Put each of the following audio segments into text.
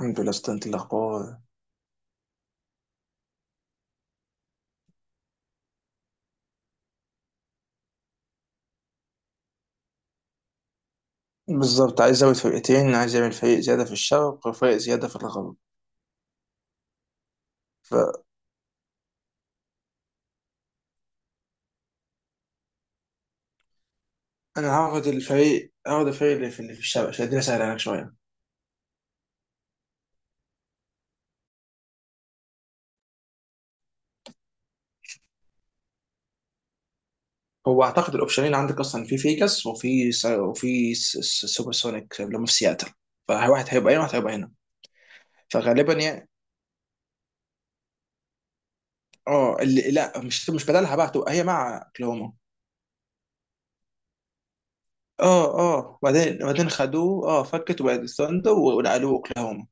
الحمد لله اسطى. انت الاخبار؟ بالظبط، عايز ازود فرقتين، عايز اعمل فريق زياده في الشرق وفريق زياده في الغرب. فانا هاخد الفريق اللي في الشرق عشان الدنيا سهله عليك شويه. هو اعتقد الاوبشنين عندك اصلا في فيجاس سوبر سونيك اللي هم في سياتل، فواحد هيبقى هنا وواحد هيبقى هنا، فغالبا يعني. اه اللي لا، مش بدلها بقى، هتبقى هي مع اوكلاهوما. اه اه، وبعدين خدوه اه، فكت، وبعدين ثاندر ونقلوه اوكلاهوما.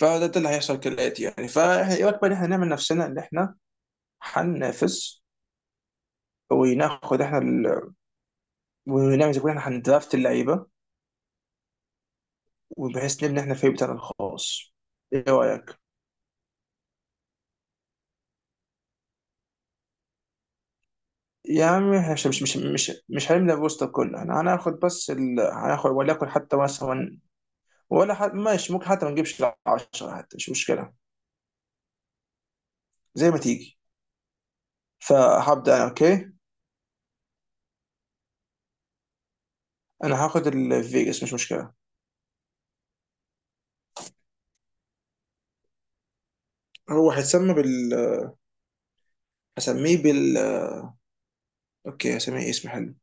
فده ده اللي هيحصل كالآتي يعني. فاحنا ايه بقى، إن احنا نعمل نفسنا ان احنا هننافس وناخد احنا ال... ونعمل زي ما احنا هندرافت اللعيبه، وبحيث نبني احنا الفريق بتاعنا الخاص. ايه رايك؟ يا عم احنا مش هنبني الروستر كله، احنا هناخد بس ال... هناخد وليكن حتى مثلا ولا حد ماشي، ممكن حتى ما نجيبش 10 حتى مش مشكله، زي ما تيجي. فهبدا انا اوكي. انا هاخد الفيجاس مش مشكله. هو هيتسمى بال، هسميه بال، اوكي هسميه اسم حلو: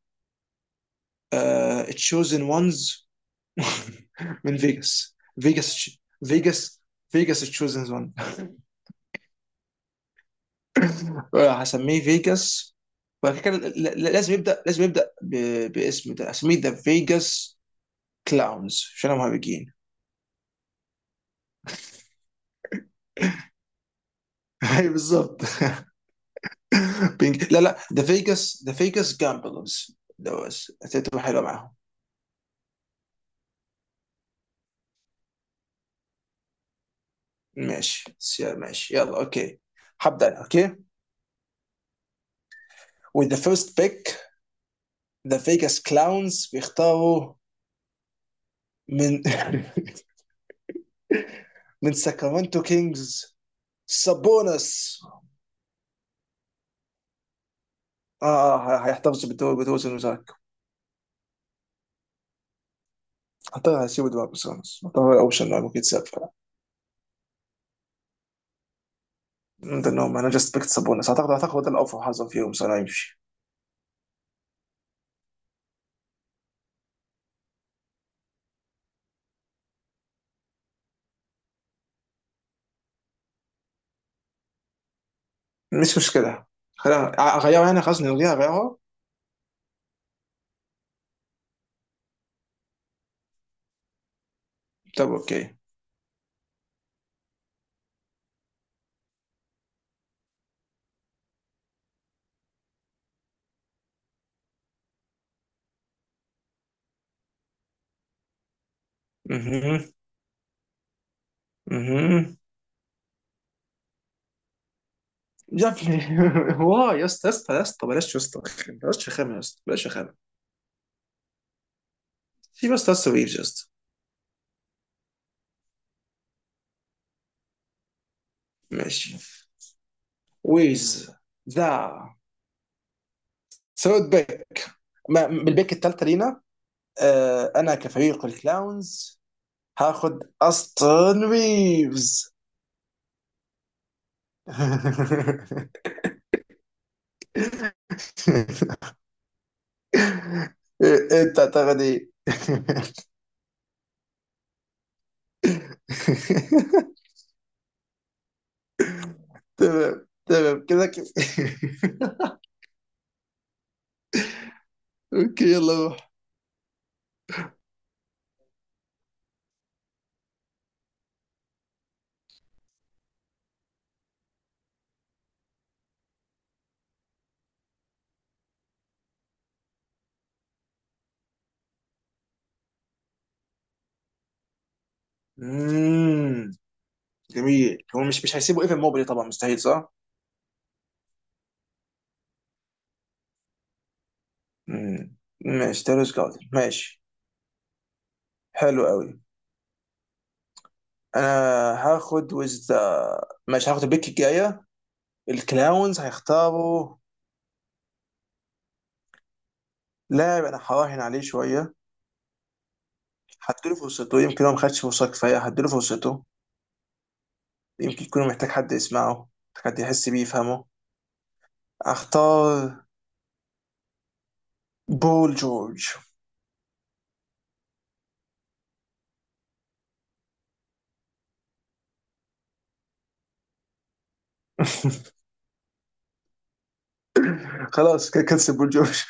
تشوزن وانز من فيجاس. فيجاس فيجاس فيجاس تشوزن وان. هسميه فيجاس، وبعد كده لازم يبدا، لازم يبدا باسم، ده هسميه ذا فيجاس كلاونز عشان هم هابجين. اي بالظبط لا لا، ذا فيجاس، ذا فيجاس جامبلرز ده بس هتبقى حلوه معاهم. ماشي ماشي يلا اوكي. هبدا انا اوكي with the first pick. the Vegas Clowns بيختاروا من من ساكرامنتو كينجز: سابونس. اه، هيحتفظ بالدوري بتوزن وزاك. اعتقد هيسيبوا دماغ بسونس، اعتقد الاوبشن اللي ممكن يتساب انهم انا جاست بيكت سابونس، اعتقد اعتقد ده الافضل حظا فيهم سنة يمشي. مش مشكله، خلينا اغيرها يعني، خلاص نلغيها غيرها. طب اوكي. اها. اها. يا ابني واي، يا اسطى يا اسطى يا اسطى بلاش، يا اسطى بلاش رخامه، يا اسطى بلاش رخامه. في بس تاسو ريفز يا اسطى. ماشي، ويز ذا سوت بيك، بالبيك الثالثه لينا. آه، انا كفريق الكلاونز هاخد استون ريفز. انت تعتقد ايه؟ تمام تمام كده كده. اوكي يلا روح. مم، جميل. هو مش هيسيبوا ايفن موبلي طبعا، مستحيل صح؟ مم. ماشي تيرس جاردن ماشي، حلو قوي. انا هاخد وذ، ماشي هاخد البيك الجايه. الكلاونز هيختاروا لاعب انا هراهن عليه شويه، هديله فرصته، يمكن هو ما خدش فرصه كفايه، هديله فرصته، يمكن يكون محتاج حد يسمعه، محتاج حد يحس بيه يفهمه. اختار بول جورج. خلاص كنسل بول جورج.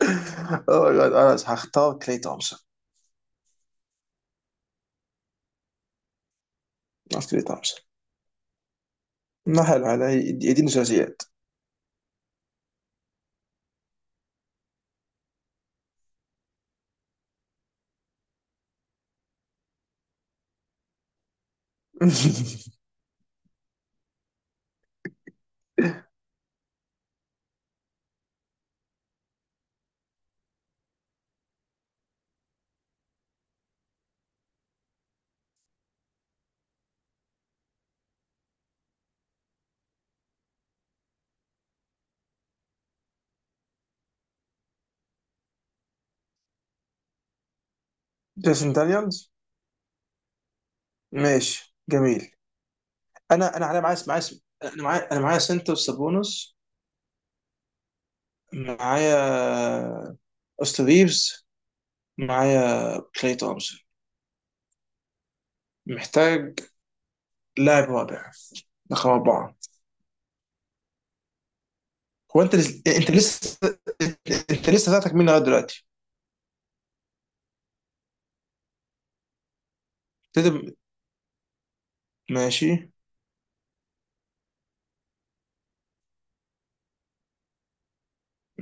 اوه ماي جاد، خلاص هختار كلي تومسون. اختار كلي تومسون. ما حلو حلو، يديني ثلاثيات. جيسون دانيالز ماشي جميل. انا على معايا. انا معايا، انا معايا سنتر سابونس، معايا أوستن ريفز، معايا كلاي تومسون. محتاج لاعب رابع، رقم أربعة. هو أنت لسه، أنت لسه ذاتك مين لغاية دلوقتي؟ تدم... ماشي.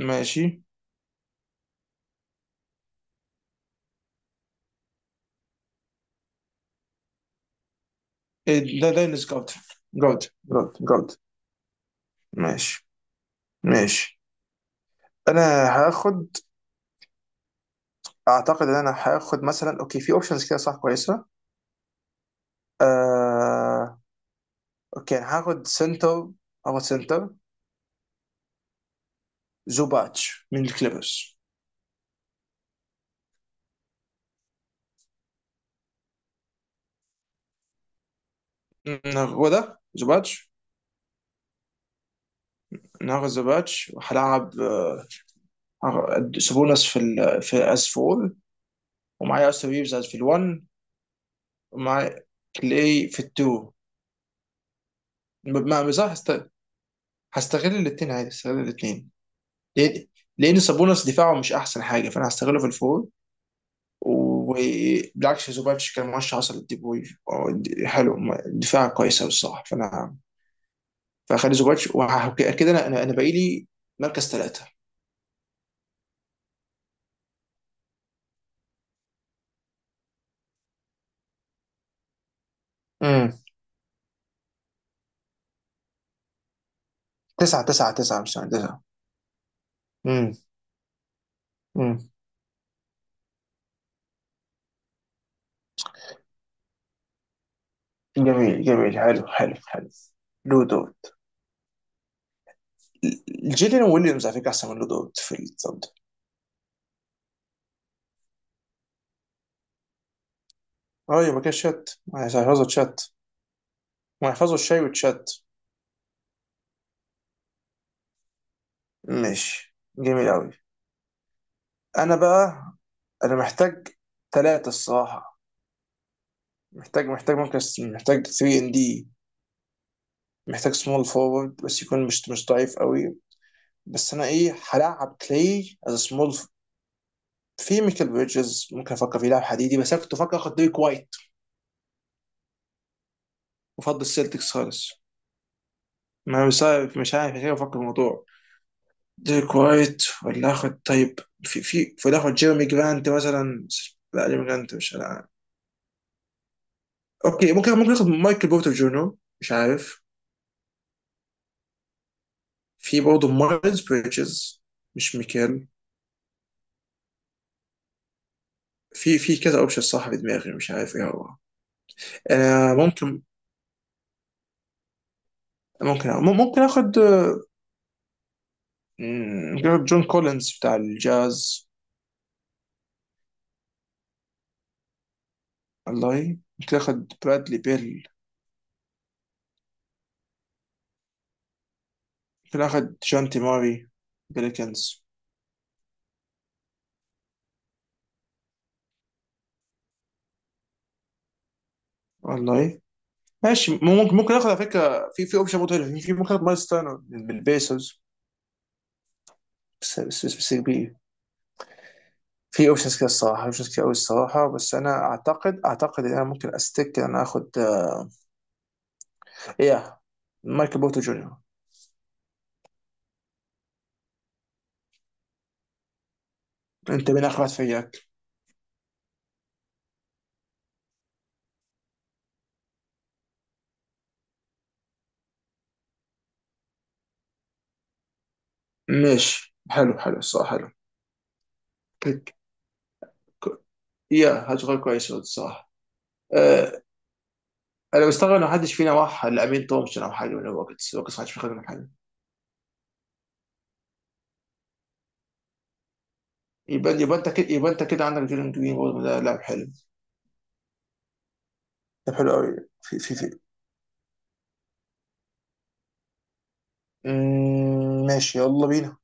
ماشي. إيه، ده داينس جود، جود جود. ماشي. ماشي. أنا هاخد، أعتقد إن أنا هاخد مثلا، أوكي في أوبشنز كده صح كويسة. آه... أوكي أنا هاخد سنتر، هاخد سنتر زوباتش من الكليبرز. هو ده زوباتش. النهارده ذا باتش، وهلعب آه، سابونس في ال في اس 4، ومعايا اوستن ريفز في ال1، ومعايا كلاي في ال2. صح. هستغل الاثنين عادي، هستغل الاثنين. لان لأن سابونس دفاعه مش احسن حاجه، فانا هستغله في الفور. وبالعكس زوباتش كان مرشح اصلا للديبوي، حلو، دفاع كويس قوي الصراحه، فانا فاخلي زوباتش. وكده انا انا أنا باقي لي مركز ثلاثه. امم، تسعه مش تسعه. امم. جميل جميل، حلو حلو. لو دوت جيلين ويليامز على فكره احسن من لو دوت في الطب ده. اه يبقى كده شات، هيحفظوا تشات. وهيحفظوا الشاي وتشات. ماشي جميل قوي. انا بقى انا محتاج ثلاثة الصراحة. محتاج مركز، محتاج 3 ان دي، محتاج سمول فورورد بس يكون مش ضعيف قوي. بس انا ايه، هلعب كلاي از سمول. في ميكل بريدجز ممكن افكر فيه، لاعب حديدي، بس انا كنت بفكر اخد ديريك وايت وافضل السلتكس خالص. ما أنا مش عارف، مش عارف كيف افكر في الموضوع. ديريك وايت ولا اخد طيب، في ولا اخد جيرمي جرانت مثلا. لا جيرمي جرانت مش، انا عارف. اوكي ممكن، ممكن اخد مايكل بورتر جونو، مش عارف، في برضه مارز بريدجز. مش ميكيل. في في كذا اوبشن صح في دماغي، مش عارف ايه هو. انا ممكن، ممكن اخد، مم، ممكن اخد جون كولينز بتاع الجاز. والله ممكن اخد برادلي بيل. ممكن اخد جونتي ماري بيليكنز. والله ماشي، ممكن ممكن اخد على فكره، في اوبشن برضه حلو. في ممكن اخد مايلز تيرنر بالبيسوس. بس بي. في اوبشنز كده الصراحه، اوبشنز كده قوي الصراحه، بس انا اعتقد ان انا ممكن استك ان انا اخد آه، ايه، مايكل بورتو جونيور. انت مين اخر واحد في اياك؟ ماشي، حلو الصراحه حلو. كليك. ك- يا هتغير كويس الصراحه. أه انا مستغرب ان محدش فينا راح لامين تومسون او حاجه. من الوقت محدش بيخدم حاجه. يبقى انت كده يبقى انت كده عندك جيرن جرين برضه، ده لاعب حلو. لاعب حلو قوي. في أمم، ماشي يلا بينا.